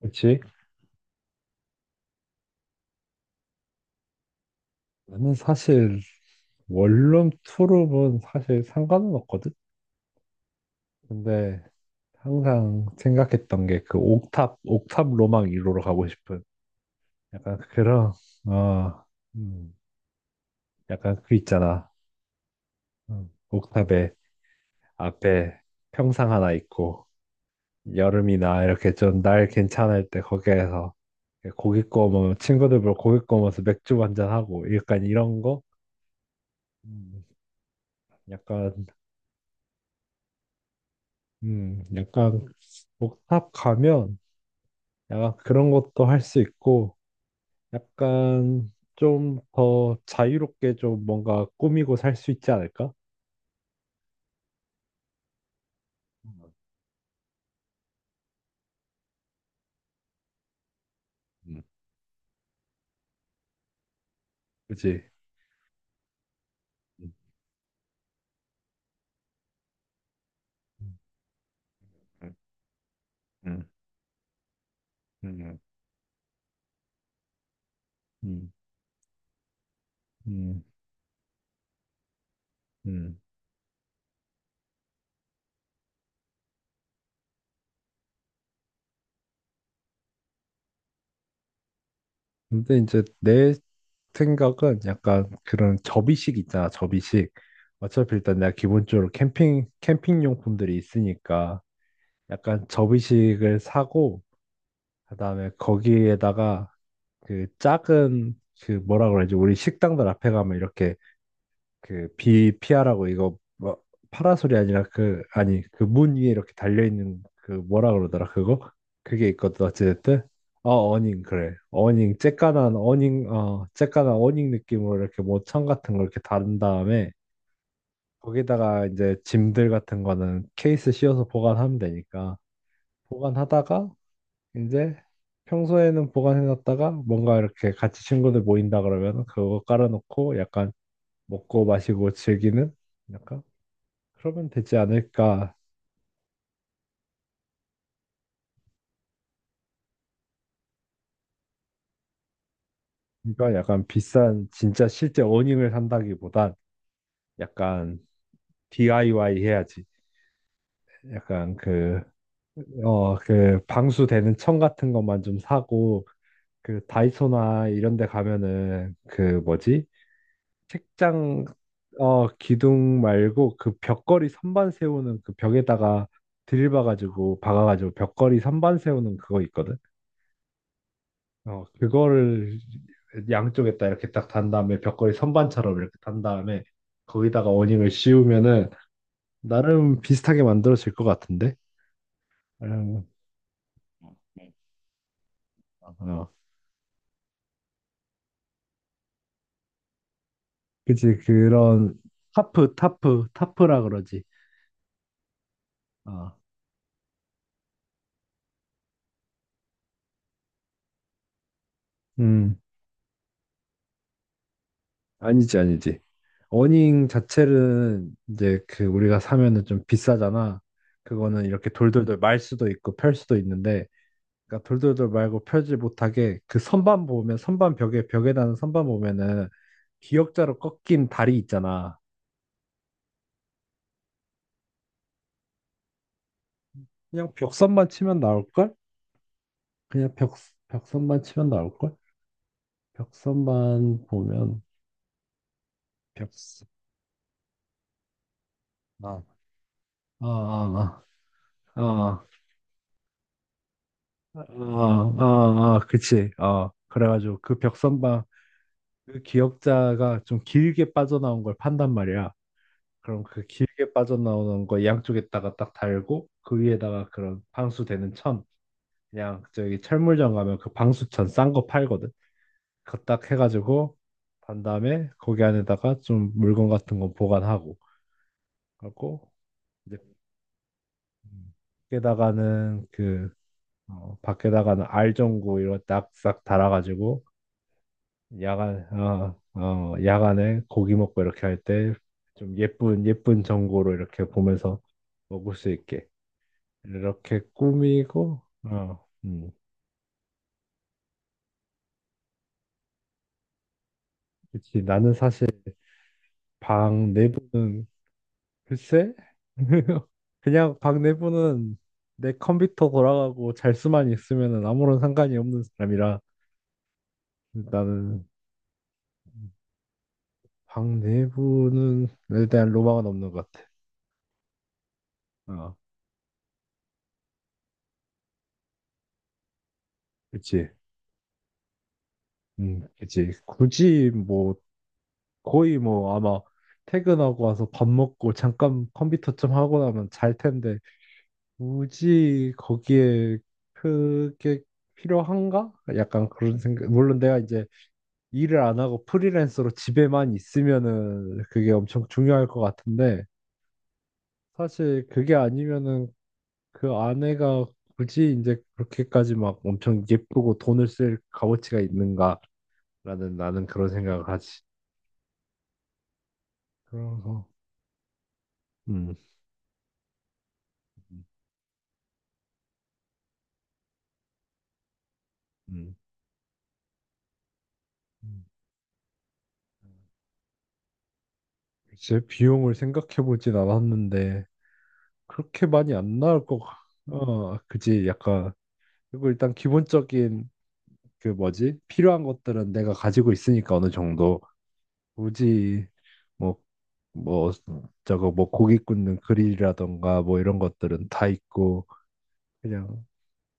그치? 나는 사실 원룸 투룸은 사실 상관은 없거든? 근데 항상 생각했던 게 그 옥탑, 옥탑 로망 1호로 가고 싶은 약간 그런, 어, 음, 약간 그 있잖아. 옥탑에 앞에 평상 하나 있고 여름이나 이렇게 좀 날 괜찮을 때 거기에서 고기 구워 먹으면 친구들 보러 고기 구워 먹으면서 맥주 한잔하고 약간 이런 거? 음, 약간, 약간 옥탑 가면 약간 그런 것도 할 수 있고, 약간 좀 더 자유롭게 좀 뭔가 꾸미고 살 수 있지 않을까? 음, 그지? 음, 음, 음, 음, 음, 음, 음. 근데 이제 내 생각은 약간 그런 접이식 있잖아, 접이식. 어차피 일단 내가 기본적으로 캠핑 용품들이 있으니까 약간 접이식을 사고, 그다음에 거기에다가 그 작은 그 뭐라 그러지 우리 식당들 앞에 가면 이렇게 그 비 피하라고 이거 뭐 파라솔이 아니라 그 아니 그 문 위에 이렇게 달려 있는 그 뭐라 그러더라 그거 그게 있거든. 어찌됐든 어닝, 그래 어닝, 쬐깐한 어닝, 쬐깐한 어닝 느낌으로 이렇게 모천 같은 걸 이렇게 다른 다음에 거기다가 이제 짐들 같은 거는 케이스 씌워서 보관하면 되니까 보관하다가 이제 평소에는 보관해놨다가 뭔가 이렇게 같이 친구들 모인다 그러면 그거 깔아놓고 약간 먹고 마시고 즐기는 약간 그러면 되지 않을까. 그러니까 약간 비싼 진짜 실제 어닝을 산다기보단 약간 DIY 해야지. 약간 그, 그 방수되는 천 같은 것만 좀 사고 그 다이소나 이런 데 가면은 그 뭐지? 책장. 기둥 말고 그 벽걸이 선반 세우는 그 벽에다가 드릴 박아가지고 벽걸이 선반 세우는 그거 있거든. 그거를 양쪽에다 이렇게 딱 단 다음에 벽걸이 선반처럼 이렇게 단 다음에 거기다가 어닝을 씌우면은 나름 비슷하게 만들어질 것 같은데. 음, 네. 어, 그치 그런 타프라 그러지. 어. 음. 아니지, 아니지. 어닝 자체는 이제 그 우리가 사면은 좀 비싸잖아. 그거는 이렇게 돌돌돌 말 수도 있고 펼 수도 있는데, 그러니까 돌돌돌 말고 펴지 못하게 그 선반 보면 선반 벽에 다는 선반 보면은 기역자로 꺾인 다리 있잖아. 그냥 벽선만 치면 나올걸? 그냥 벽 벽선만 치면 나올걸? 벽선만 보면 벽선. 아, 아, 아, 아, 아, 아, 아, 아, 아, 그치. 어, 그래가지고 그 벽선반, 그 기역자가 좀 길게 빠져나온 걸 판단 말이야. 그럼 그 길게 빠져나오는 거 양쪽에다가 딱 달고 그 위에다가 그런 방수되는 천, 그냥 저기 철물점 가면 그 방수천 싼 거 팔거든. 그거 딱 해가지고 단 다음에 거기 안에다가 좀 물건 같은 거 보관하고 하고 이제 음, 밖에다가는 그 밖에다가는 알전구 이런 딱싹 달아가지고 야간에 고기 먹고 이렇게 할 때 좀 예쁜, 예쁜 전골로 이렇게 보면서 먹을 수 있게 이렇게 꾸미고, 그치. 나는 사실 방 내부는 글쎄, 그냥 방 내부는 내 컴퓨터 돌아가고 잘 수만 있으면은 아무런 상관이 없는 사람이라 나는 방 내부는 에 대한 로망은 없는 것 같아. 어, 그치. 그치. 굳이 뭐 거의 뭐 아마 퇴근하고 와서 밥 먹고 잠깐 컴퓨터 좀 하고 나면 잘 텐데 굳이 거기에 그게 필요한가? 약간 그런 생각. 물론 내가 이제 일을 안 하고 프리랜서로 집에만 있으면은 그게 엄청 중요할 것 같은데 사실 그게 아니면은 그 아내가 굳이 이제 그렇게까지 막 엄청 예쁘고 돈을 쓸 값어치가 있는가라는, 나는 그런 생각을 하지. 그래서 음. 음. 음. 음. 글쎄, 비용을 생각해보진 않았는데, 그렇게 많이 안 나올 것 같, 어, 그지, 약간. 그리고 일단 기본적인, 그 뭐지, 필요한 것들은 내가 가지고 있으니까 어느 정도. 굳이, 뭐, 뭐, 저거, 뭐, 고기 굽는 그릴이라던가, 뭐, 이런 것들은 다 있고, 그냥,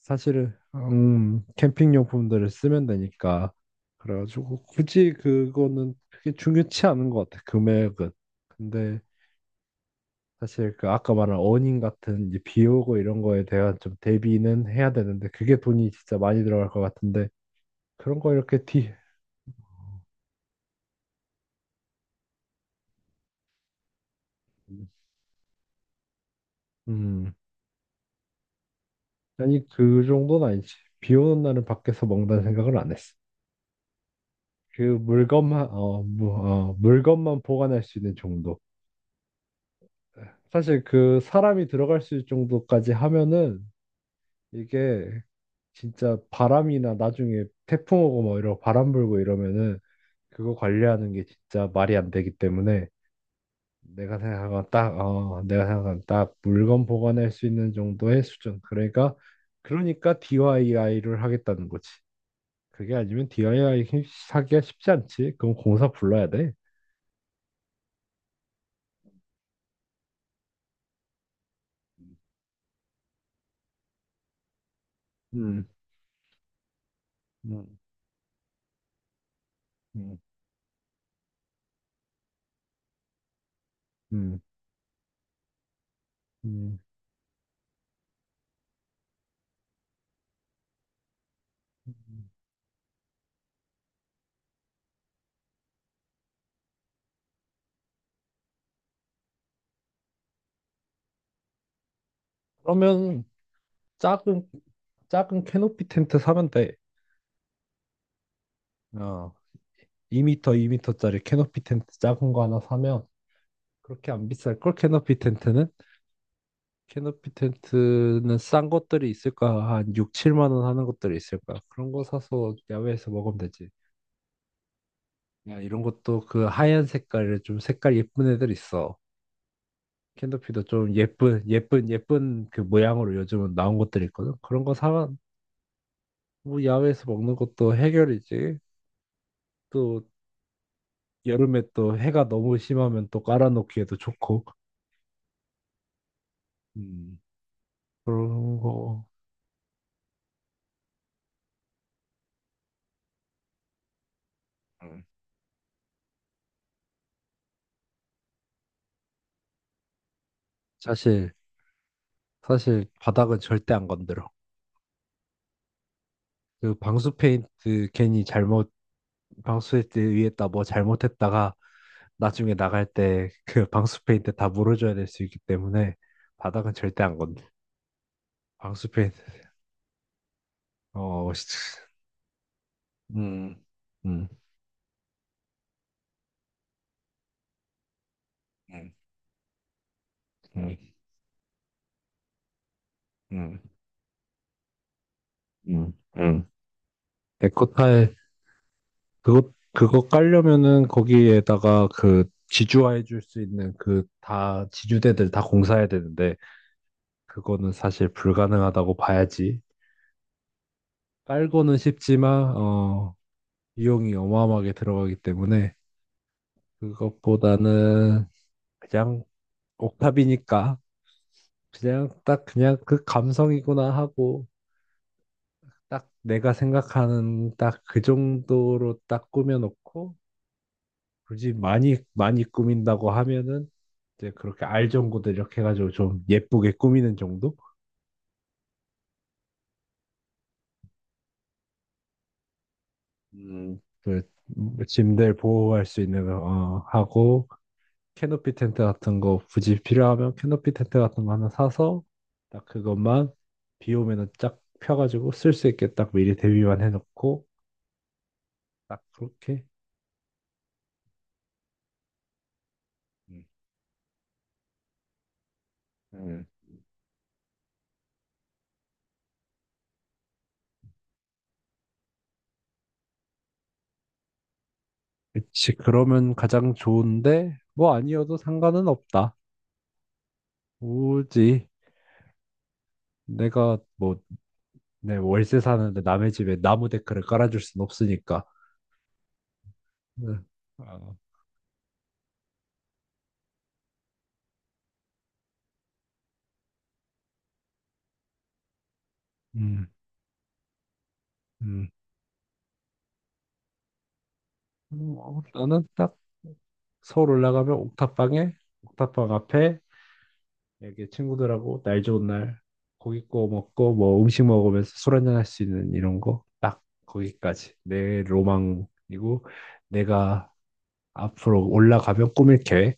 사실은, 캠핑 용품들을 쓰면 되니까. 그래가지고, 굳이 그거는 크게 중요치 않은 것 같아, 금액은. 근데, 사실 그 아까 말한 어닝 같은 이제 비 오고 이런 거에 대한 좀 대비는 해야 되는데 그게 돈이 진짜 많이 들어갈 것 같은데 그런 거 이렇게 뒤 음. 아니 그 정도는 아니지. 비 오는 날은 밖에서 먹는다는 생각을 안 했어. 그 물건만 물건만 보관할 수 있는 정도. 사실 그 사람이 들어갈 수 있을 정도까지 하면은 이게 진짜 바람이나 나중에 태풍 오고 뭐 이러고 바람 불고 이러면은 그거 관리하는 게 진짜 말이 안 되기 때문에 내가 생각한 딱 물건 보관할 수 있는 정도의 수준. 그러니까, 그러니까 DIY를 하겠다는 거지. 그게 아니면 DIY 하기가 쉽지 않지. 그럼 공사 불러야 돼. 음, 음, 음, 음, 음. 그러면 작은 작은 캐노피 텐트 사면 돼. 어, 2m, 2m짜리 캐노피 텐트 작은 거 하나 사면 그렇게 안 비쌀 걸. 캐노피 텐트는? 캐노피 텐트는 싼 것들이 있을까? 한 6, 7만 원 하는 것들이 있을까? 그런 거 사서 야외에서 먹으면 되지. 야, 이런 것도 그 하얀 색깔을, 좀 색깔 예쁜 애들 있어. 캐노피도 좀 예쁜, 예쁜, 예쁜 그 모양으로 요즘은 나온 것들이 있거든. 그런 거 사, 뭐 야외에서 먹는 것도 해결이지. 또 여름에 또 해가 너무 심하면 또 깔아놓기에도 좋고. 음, 그런 거. 음. 사실, 사실 바닥은 절대 안 건드려. 그 방수 페인트 괜히 잘못, 방수 페인트 위에다 뭐 잘못했다가 나중에 나갈 때 그 방수 페인트 다 물어줘야 될 수 있기 때문에 바닥은 절대 안 건드. 방수 페인트 시- 음, 음, 음, 음, 음, 음. 음. 에코타일. 그거 깔려면은 거기에다가 그 지주화해 줄 수 있는 그 다 지주대들 다 공사해야 되는데 그거는 사실 불가능하다고 봐야지. 깔고는 쉽지만 비용이 어마어마하게 들어가기 때문에 그것보다는 그냥 옥탑이니까 그냥 딱 그냥 그 감성이구나 하고 딱 내가 생각하는 딱 그 정도로 딱 꾸며놓고 굳이 많이 많이 꾸민다고 하면은 이제 그렇게 알전구도 이렇게 해가지고 좀 예쁘게 꾸미는 정도? 그 뭐, 짐들 보호할 수 있는 거 하고 캐노피 텐트 같은 거 굳이 필요하면 캐노피 텐트 같은 거 하나 사서 딱 그것만 비 오면은 쫙 펴가지고 쓸 수 있게 딱 미리 대비만 해놓고 딱 그렇게 음. 음. 그치. 그러면 가장 좋은데 뭐 아니어도 상관은 없다. 오지. 내가 뭐 내 월세 사는데 남의 집에 나무 데크를 깔아줄 순 없으니까. 응. 어, 음, 음. 어, 나는 딱 서울 올라가면 옥탑방에, 옥탑방 앞에 이렇게 친구들하고 날 좋은 날 고기 구워 먹고 뭐 음식 먹으면서 술 한잔 할 수 있는 이런 거, 딱 거기까지 내 로망이고, 내가 앞으로 올라가면 꾸밀 계획